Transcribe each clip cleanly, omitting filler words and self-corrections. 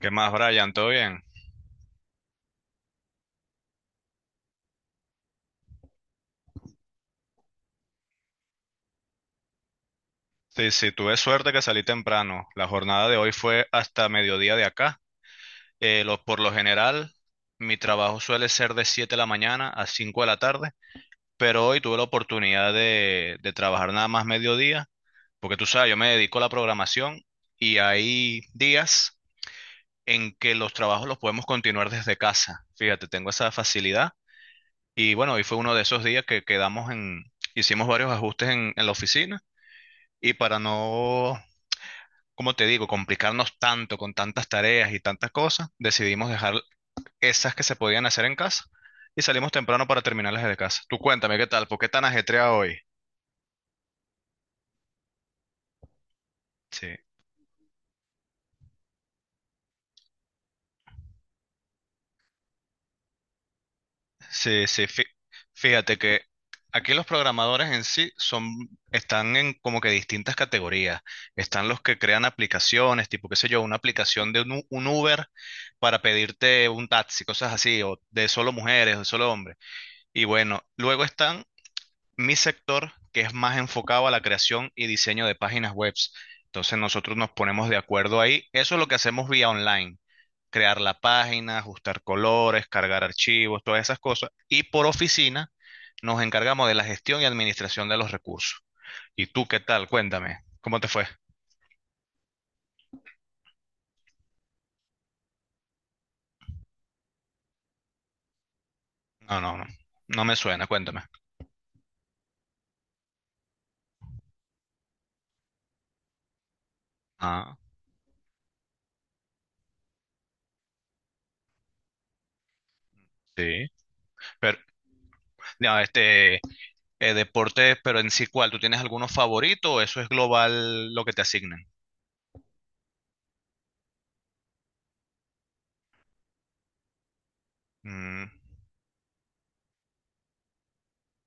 ¿Qué más, Brian? ¿Todo bien? Sí, tuve suerte que salí temprano. La jornada de hoy fue hasta mediodía de acá. Por lo general, mi trabajo suele ser de 7 de la mañana a 5 de la tarde, pero hoy tuve la oportunidad de trabajar nada más mediodía, porque tú sabes, yo me dedico a la programación y hay días en que los trabajos los podemos continuar desde casa. Fíjate, tengo esa facilidad. Y bueno, hoy fue uno de esos días que quedamos en, hicimos varios ajustes en la oficina. Y para no, como te digo, complicarnos tanto con tantas tareas y tantas cosas, decidimos dejar esas que se podían hacer en casa y salimos temprano para terminarlas desde casa. Tú cuéntame, ¿qué tal? ¿Por qué tan ajetreado hoy? Sí, sí, sí. fí- Fíjate que aquí los programadores en sí son, están en como que distintas categorías. Están los que crean aplicaciones, tipo, qué sé yo, una aplicación de un, un Uber para pedirte un taxi, cosas así, o de solo mujeres, o de solo hombres. Y bueno, luego están mi sector, que es más enfocado a la creación y diseño de páginas web. Entonces nosotros nos ponemos de acuerdo ahí. Eso es lo que hacemos vía online. Crear la página, ajustar colores, cargar archivos, todas esas cosas. Y por oficina nos encargamos de la gestión y administración de los recursos. ¿Y tú qué tal? Cuéntame, ¿cómo te fue? No, no, no. No me suena, cuéntame. Ah, sí. Pero, no, deporte, pero en sí, ¿cuál? ¿Tú tienes alguno favorito o eso es global lo que te asignan?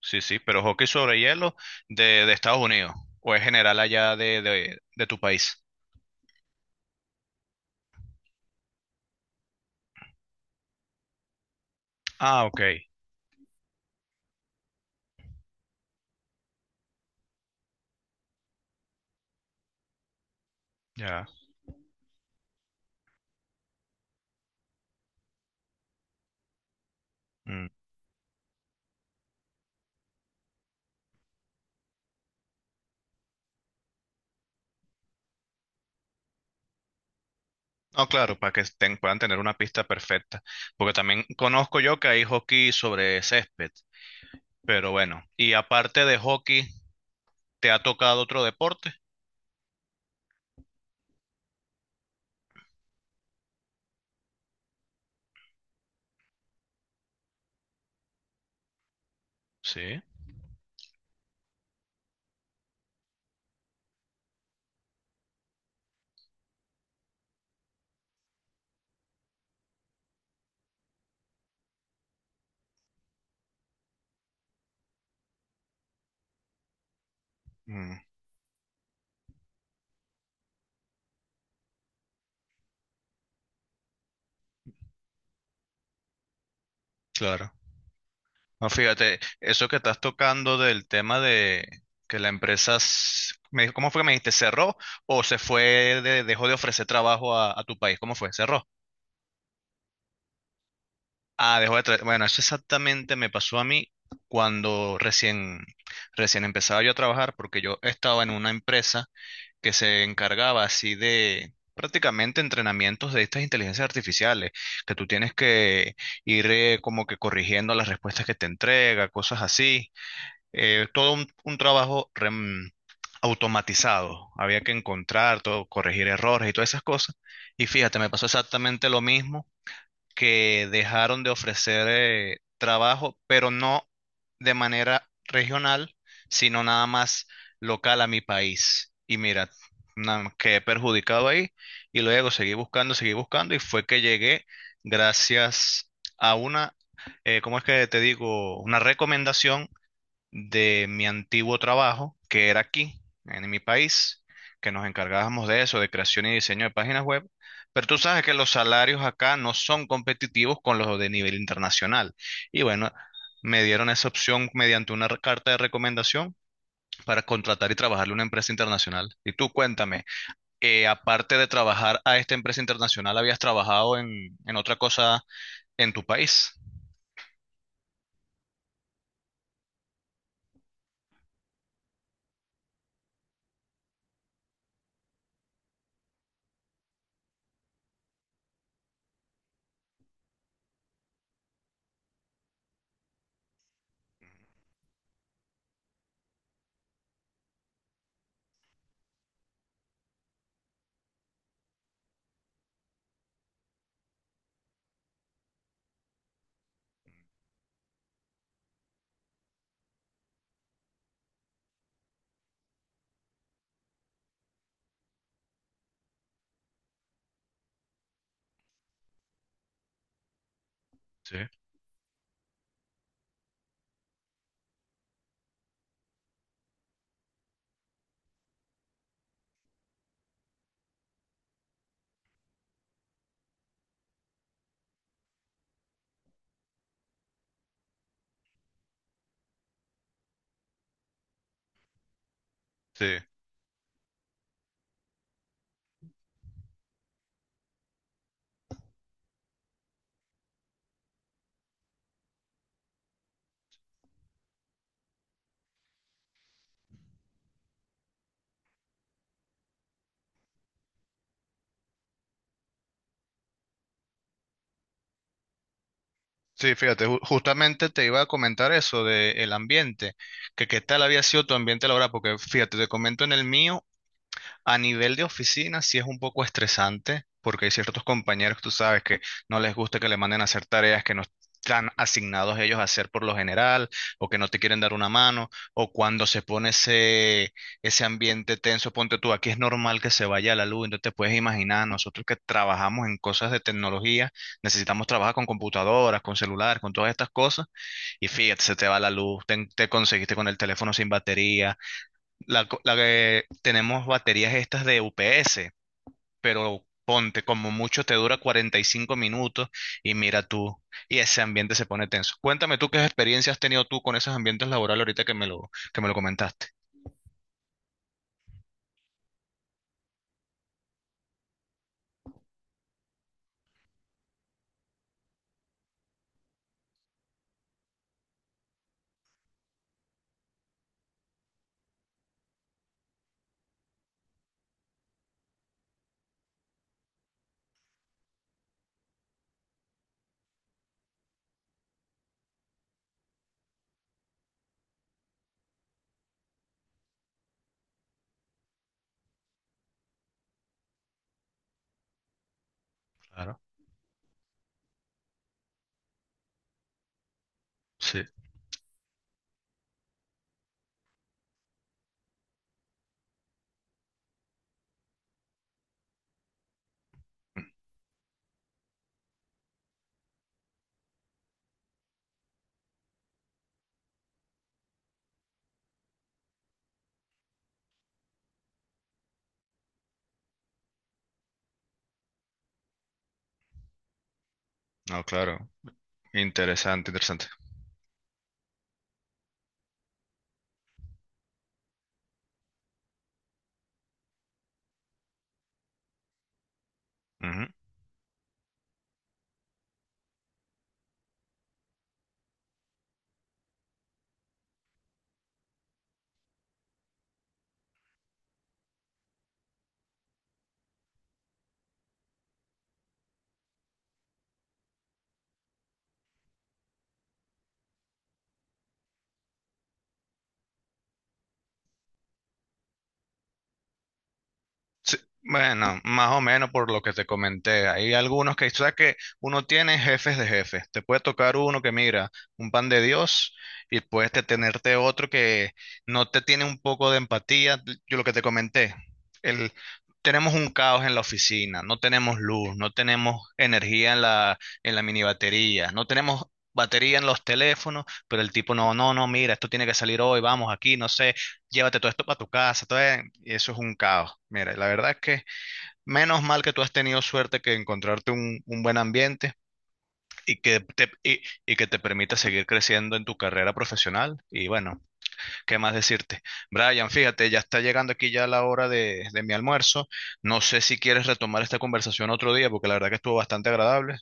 Sí, sí, pero hockey sobre hielo de Estados Unidos o es general allá de tu país. Ah, ok, ya. Mm. No, claro, para que puedan tener una pista perfecta, porque también conozco yo que hay hockey sobre césped, pero bueno, y aparte de hockey, ¿te ha tocado otro deporte? Sí. Mm, claro. No, fíjate, eso que estás tocando del tema de que la empresa, me dijo- ¿cómo fue que me dijiste? ¿Cerró o se fue, dejó de ofrecer trabajo a tu país? ¿Cómo fue? ¿Cerró? Ah, bueno, eso exactamente me pasó a mí cuando recién, recién empezaba yo a trabajar, porque yo estaba en una empresa que se encargaba así de prácticamente entrenamientos de estas inteligencias artificiales, que tú tienes que ir como que corrigiendo las respuestas que te entrega, cosas así. Todo un automatizado. Había que encontrar todo, corregir errores y todas esas cosas. Y fíjate, me pasó exactamente lo mismo que dejaron de ofrecer trabajo, pero no de manera regional, sino nada más local a mi país. Y mira, quedé perjudicado ahí y luego seguí buscando y fue que llegué gracias a una, ¿cómo es que te digo? Una recomendación de mi antiguo trabajo, que era aquí, en mi país, que nos encargábamos de eso, de creación y diseño de páginas web. Pero tú sabes que los salarios acá no son competitivos con los de nivel internacional. Y bueno, me dieron esa opción mediante una carta de recomendación para contratar y trabajarle a una empresa internacional. Y tú cuéntame, aparte de trabajar a esta empresa internacional, ¿habías trabajado en otra cosa en tu país? Sí, sí. Sí, fíjate, justamente te iba a comentar eso del ambiente, que qué tal había sido tu ambiente laboral, porque fíjate, te comento en el mío, a nivel de oficina sí es un poco estresante porque hay ciertos compañeros, tú sabes, que no les gusta que le manden a hacer tareas que no están asignados ellos a hacer por lo general o que no te quieren dar una mano o cuando se pone ese ambiente tenso, ponte tú, aquí es normal que se vaya la luz, entonces te puedes imaginar, nosotros que trabajamos en cosas de tecnología, necesitamos trabajar con computadoras, con celulares, con todas estas cosas y fíjate, se te va la luz, te conseguiste con el teléfono sin batería la que tenemos baterías estas de UPS, pero ponte, como mucho te dura 45 minutos y mira tú, y ese ambiente se pone tenso. Cuéntame tú qué experiencia has tenido tú con esos ambientes laborales ahorita que me que me lo comentaste. Claro, sí. No, claro, interesante, interesante. Sí, bueno, más o menos por lo que te comenté. Hay algunos que, o sea, que uno tiene jefes de jefes. Te puede tocar uno que mira, un pan de Dios, y puedes tenerte otro que no te tiene un poco de empatía. Yo lo que te comenté, el, tenemos un caos en la oficina, no tenemos luz, no tenemos energía en la mini batería, no tenemos batería en los teléfonos, pero el tipo no, no, no, mira, esto tiene que salir hoy, vamos aquí, no sé, llévate todo esto para tu casa, y eso es un caos. Mira, la verdad es que menos mal que tú has tenido suerte que encontrarte un buen ambiente y que y que te permita seguir creciendo en tu carrera profesional. Y bueno, ¿qué más decirte? Brian, fíjate, ya está llegando aquí ya la hora de mi almuerzo. No sé si quieres retomar esta conversación otro día, porque la verdad que estuvo bastante agradable.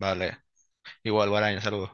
Vale, igual, Brian, saludos.